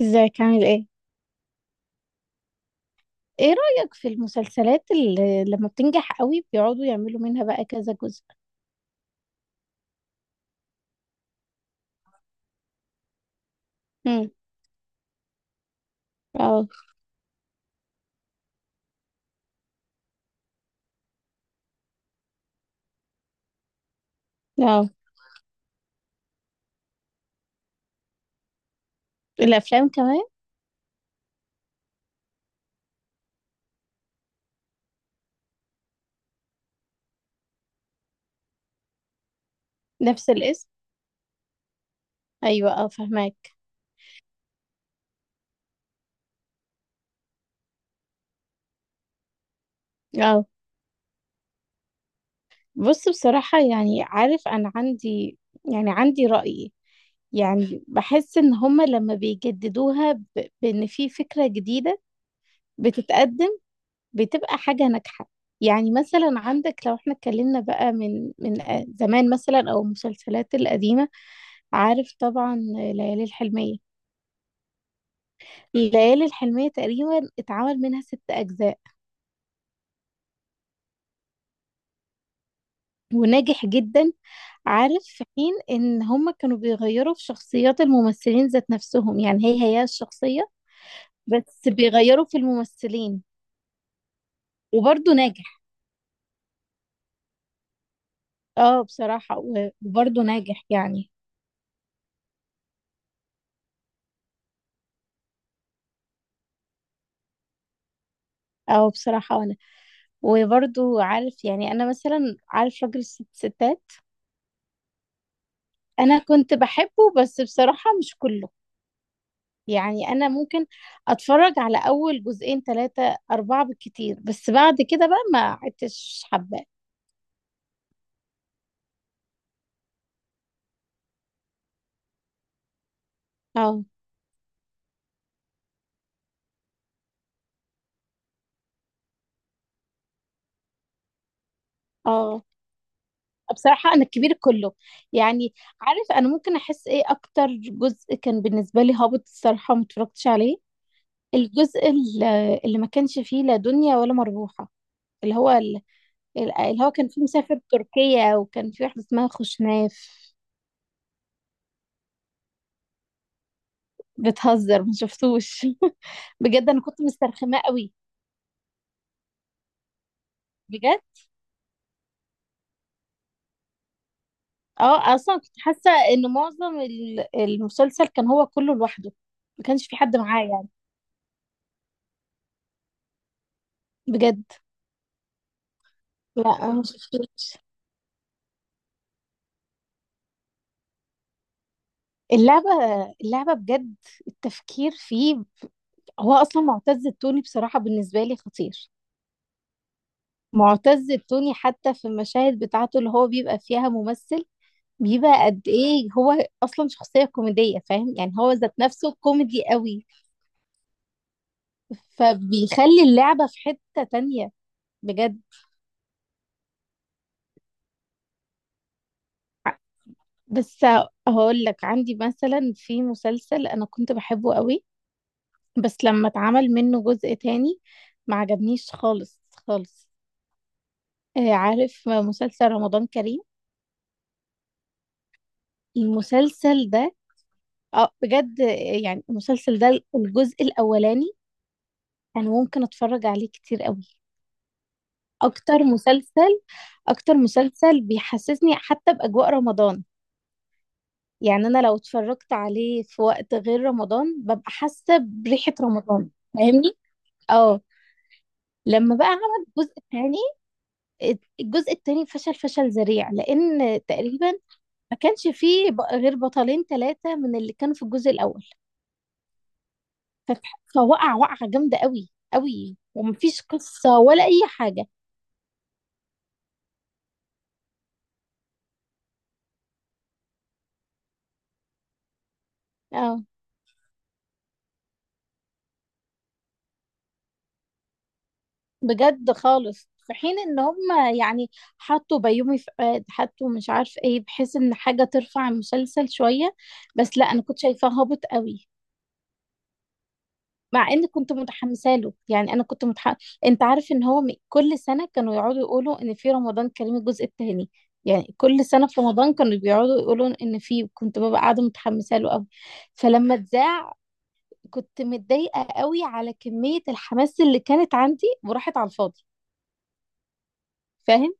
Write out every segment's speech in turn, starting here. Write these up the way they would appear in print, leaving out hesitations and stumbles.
ازيك عامل ايه؟ ايه رأيك في المسلسلات اللي لما بتنجح قوي بيقعدوا يعملوا منها بقى كذا جزء؟ امم. اه. اه. الافلام كمان. نفس الاسم؟ ايوه، اه، فهماك. اه. بص، بصراحة عارف انا عندي، يعني عندي رأي. بحس ان هما لما بيجددوها بان في فكرة جديدة بتتقدم، بتبقى حاجة ناجحة. يعني مثلا عندك لو احنا اتكلمنا بقى من زمان، مثلا، او المسلسلات القديمة. عارف طبعا، ليالي الحلمية. الليالي الحلمية تقريبا اتعمل منها ست أجزاء وناجح جدا. عارف في حين إن هما كانوا بيغيروا في شخصيات الممثلين ذات نفسهم، يعني هي هي الشخصية، بس بيغيروا في الممثلين وبرضه ناجح. اه بصراحة و- وبرضه ناجح يعني. اه بصراحة وانا وبرضه عارف، يعني انا مثلا عارف راجل الست ستات. انا كنت بحبه بس بصراحة مش كله، يعني انا ممكن اتفرج على اول جزئين، ثلاثة، اربعة بالكتير، بس بعد كده بقى ما عدتش حباه. اه، اه. بصراحة انا الكبير كله، يعني عارف انا ممكن احس ايه اكتر جزء كان بالنسبة لي هابط الصراحة، وما اتفرجتش عليه. الجزء ال- اللي ما كانش فيه لا دنيا ولا مربوحة، اللي هو ال- اللي هو كان فيه مسافر تركيا وكان فيه واحدة اسمها خوشناف. بتهزر، ما شفتوش. بجد انا كنت مسترخمة قوي. بجد. اه، اصلا كنت حاسه ان معظم المسلسل كان هو كله لوحده، ما كانش في حد معاه يعني. بجد. لا أنا ما شفتوش. اللعبه، اللعبه بجد، التفكير فيه. هو اصلا معتز التوني بصراحه بالنسبه لي خطير. معتز التوني حتى في المشاهد بتاعته اللي هو بيبقى فيها ممثل، بيبقى قد ايه هو اصلا شخصيه كوميديه، فاهم؟ يعني هو ذات نفسه كوميدي قوي، فبيخلي اللعبه في حته تانية. بجد. بس هقول لك عندي مثلا في مسلسل انا كنت بحبه قوي، بس لما اتعمل منه جزء تاني ما عجبنيش خالص، خالص. عارف مسلسل رمضان كريم؟ المسلسل ده، اه بجد، يعني المسلسل ده الجزء الاولاني انا ممكن اتفرج عليه كتير قوي. اكتر مسلسل اكتر مسلسل بيحسسني حتى باجواء رمضان، يعني انا لو اتفرجت عليه في وقت غير رمضان ببقى حاسة بريحة رمضان. فاهمني؟ اه. لما بقى عمل الجزء الثاني، الجزء الثاني فشل، فشل ذريع، لان تقريبا ما كانش فيه غير بطلين، ثلاثة من اللي كانوا في الجزء الاول. فوقع وقعة جامدة قوي قوي، ومفيش قصة ولا اي حاجة. اه بجد خالص، في حين ان هم يعني حطوا بيومي فؤاد، حطوا مش عارف ايه، بحيث ان حاجة ترفع المسلسل شوية. بس لا، انا كنت شايفاه هابط قوي، مع ان كنت متحمسه له، يعني انا كنت. انت عارف ان هو كل سنه كانوا يقعدوا يقولوا ان في رمضان كريم الجزء الثاني، يعني كل سنه في رمضان كانوا بيقعدوا يقولوا ان في، كنت ببقى قاعده متحمسه له قوي. فلما اتذاع كنت متضايقه قوي على كميه الحماس اللي كانت عندي وراحت على الفاضي. فاهم؟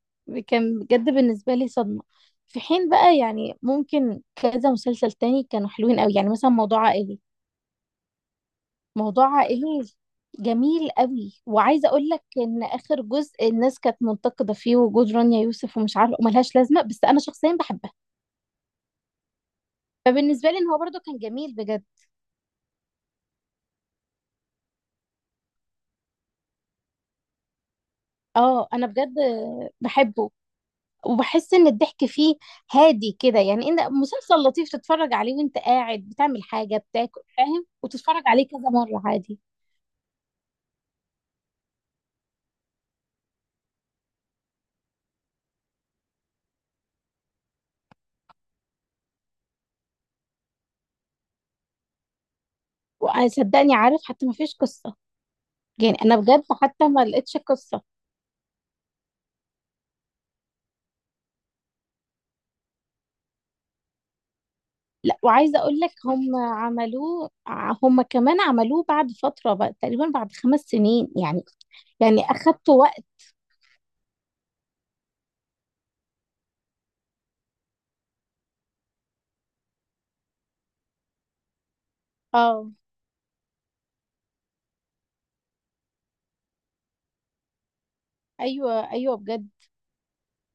كان بجد بالنسبه لي صدمه. في حين بقى يعني ممكن كذا مسلسل تاني كانوا حلوين قوي، يعني مثلا موضوع عائلي. موضوع عائلي جميل قوي، وعايزه اقول لك ان اخر جزء الناس كانت منتقده فيه وجود رانيا يوسف ومش عارفه وملهاش لازمه، بس انا شخصيا بحبها، فبالنسبه لي ان هو برضو كان جميل بجد. اه انا بجد بحبه، وبحس ان الضحك فيه هادي كده، يعني ان مسلسل لطيف تتفرج عليه وانت قاعد بتعمل حاجه، بتاكل فاهم، وتتفرج عليه كذا مره عادي. وصدقني عارف حتى ما فيش قصه، يعني انا بجد حتى ما لقيتش قصه. لا، وعايزه اقول لك هم هم كمان عملوه بعد فتره بقى، تقريبا بعد 5 سنين يعني، يعني اخدت وقت. اه، ايوه، ايوه بجد.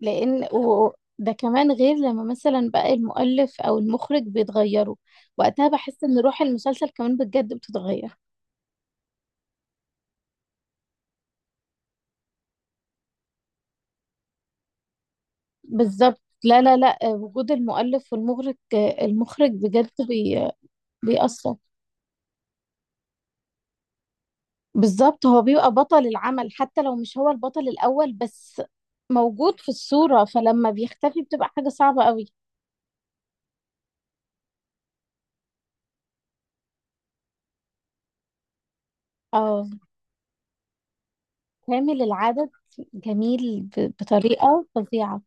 لان ده كمان غير لما مثلا بقى المؤلف او المخرج بيتغيروا، وقتها بحس ان روح المسلسل كمان بجد بتتغير. بالظبط، لا، لا، لا. وجود المؤلف والمخرج، المخرج بجد بيأثر. بالظبط هو بيبقى بطل العمل حتى لو مش هو البطل الأول، بس موجود في الصورة، فلما بيختفي بتبقى حاجة صعبة قوي. اه كامل العدد جميل بطريقة فظيعة.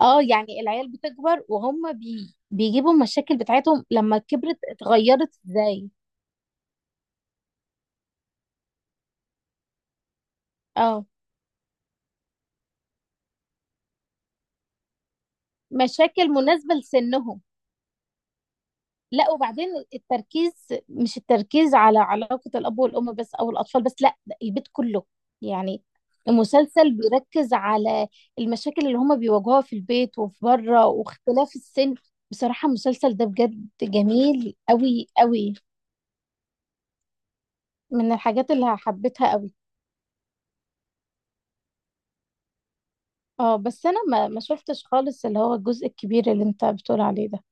اه يعني العيال بتكبر، وهم بيجيبوا المشاكل بتاعتهم، لما كبرت اتغيرت ازاي. اه مشاكل مناسبة لسنهم. لا وبعدين التركيز، مش التركيز على علاقة الأب والأم بس أو الأطفال بس، لا ده البيت كله، يعني المسلسل بيركز على المشاكل اللي هما بيواجهوها في البيت وفي بره، واختلاف السن. بصراحة المسلسل ده بجد جميل قوي قوي، من الحاجات اللي حبيتها قوي. اه بس انا ما شفتش خالص اللي هو الجزء الكبير اللي انت بتقول عليه ده.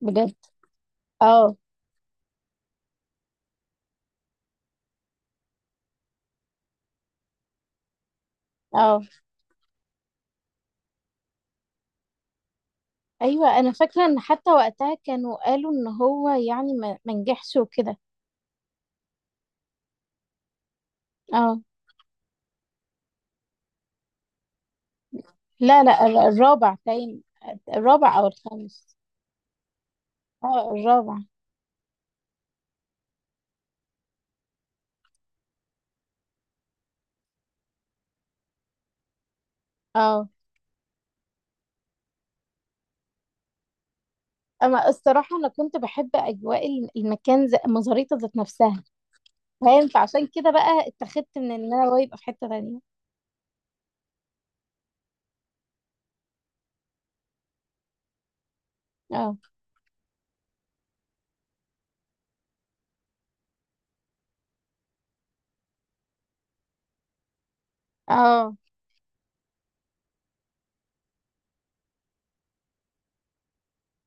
بجد. اه، اه، ايوه انا فاكره ان حتى وقتها كانوا قالوا ان هو يعني ما نجحش وكده. اه، لا، لا، الرابع تايم، الرابع او الخامس. اه الرابع. اه اما الصراحه انا كنت بحب اجواء المكان مزاريطه ذات نفسها، فاهم؟ فعشان كده بقى اتخذت من ان انا هو يبقى في حته تانية. اه، اه،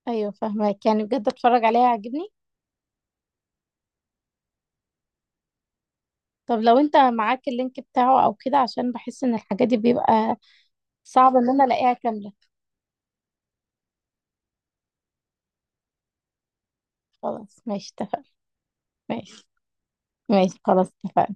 ايوه فاهمك، يعني بجد اتفرج عليها عجبني. طب لو انت معاك اللينك بتاعه او كده، عشان بحس ان الحاجات دي بيبقى صعب ان انا الاقيها كامله. خلاص ماشي، اتفقنا. ماشي، ماشي، خلاص اتفقنا.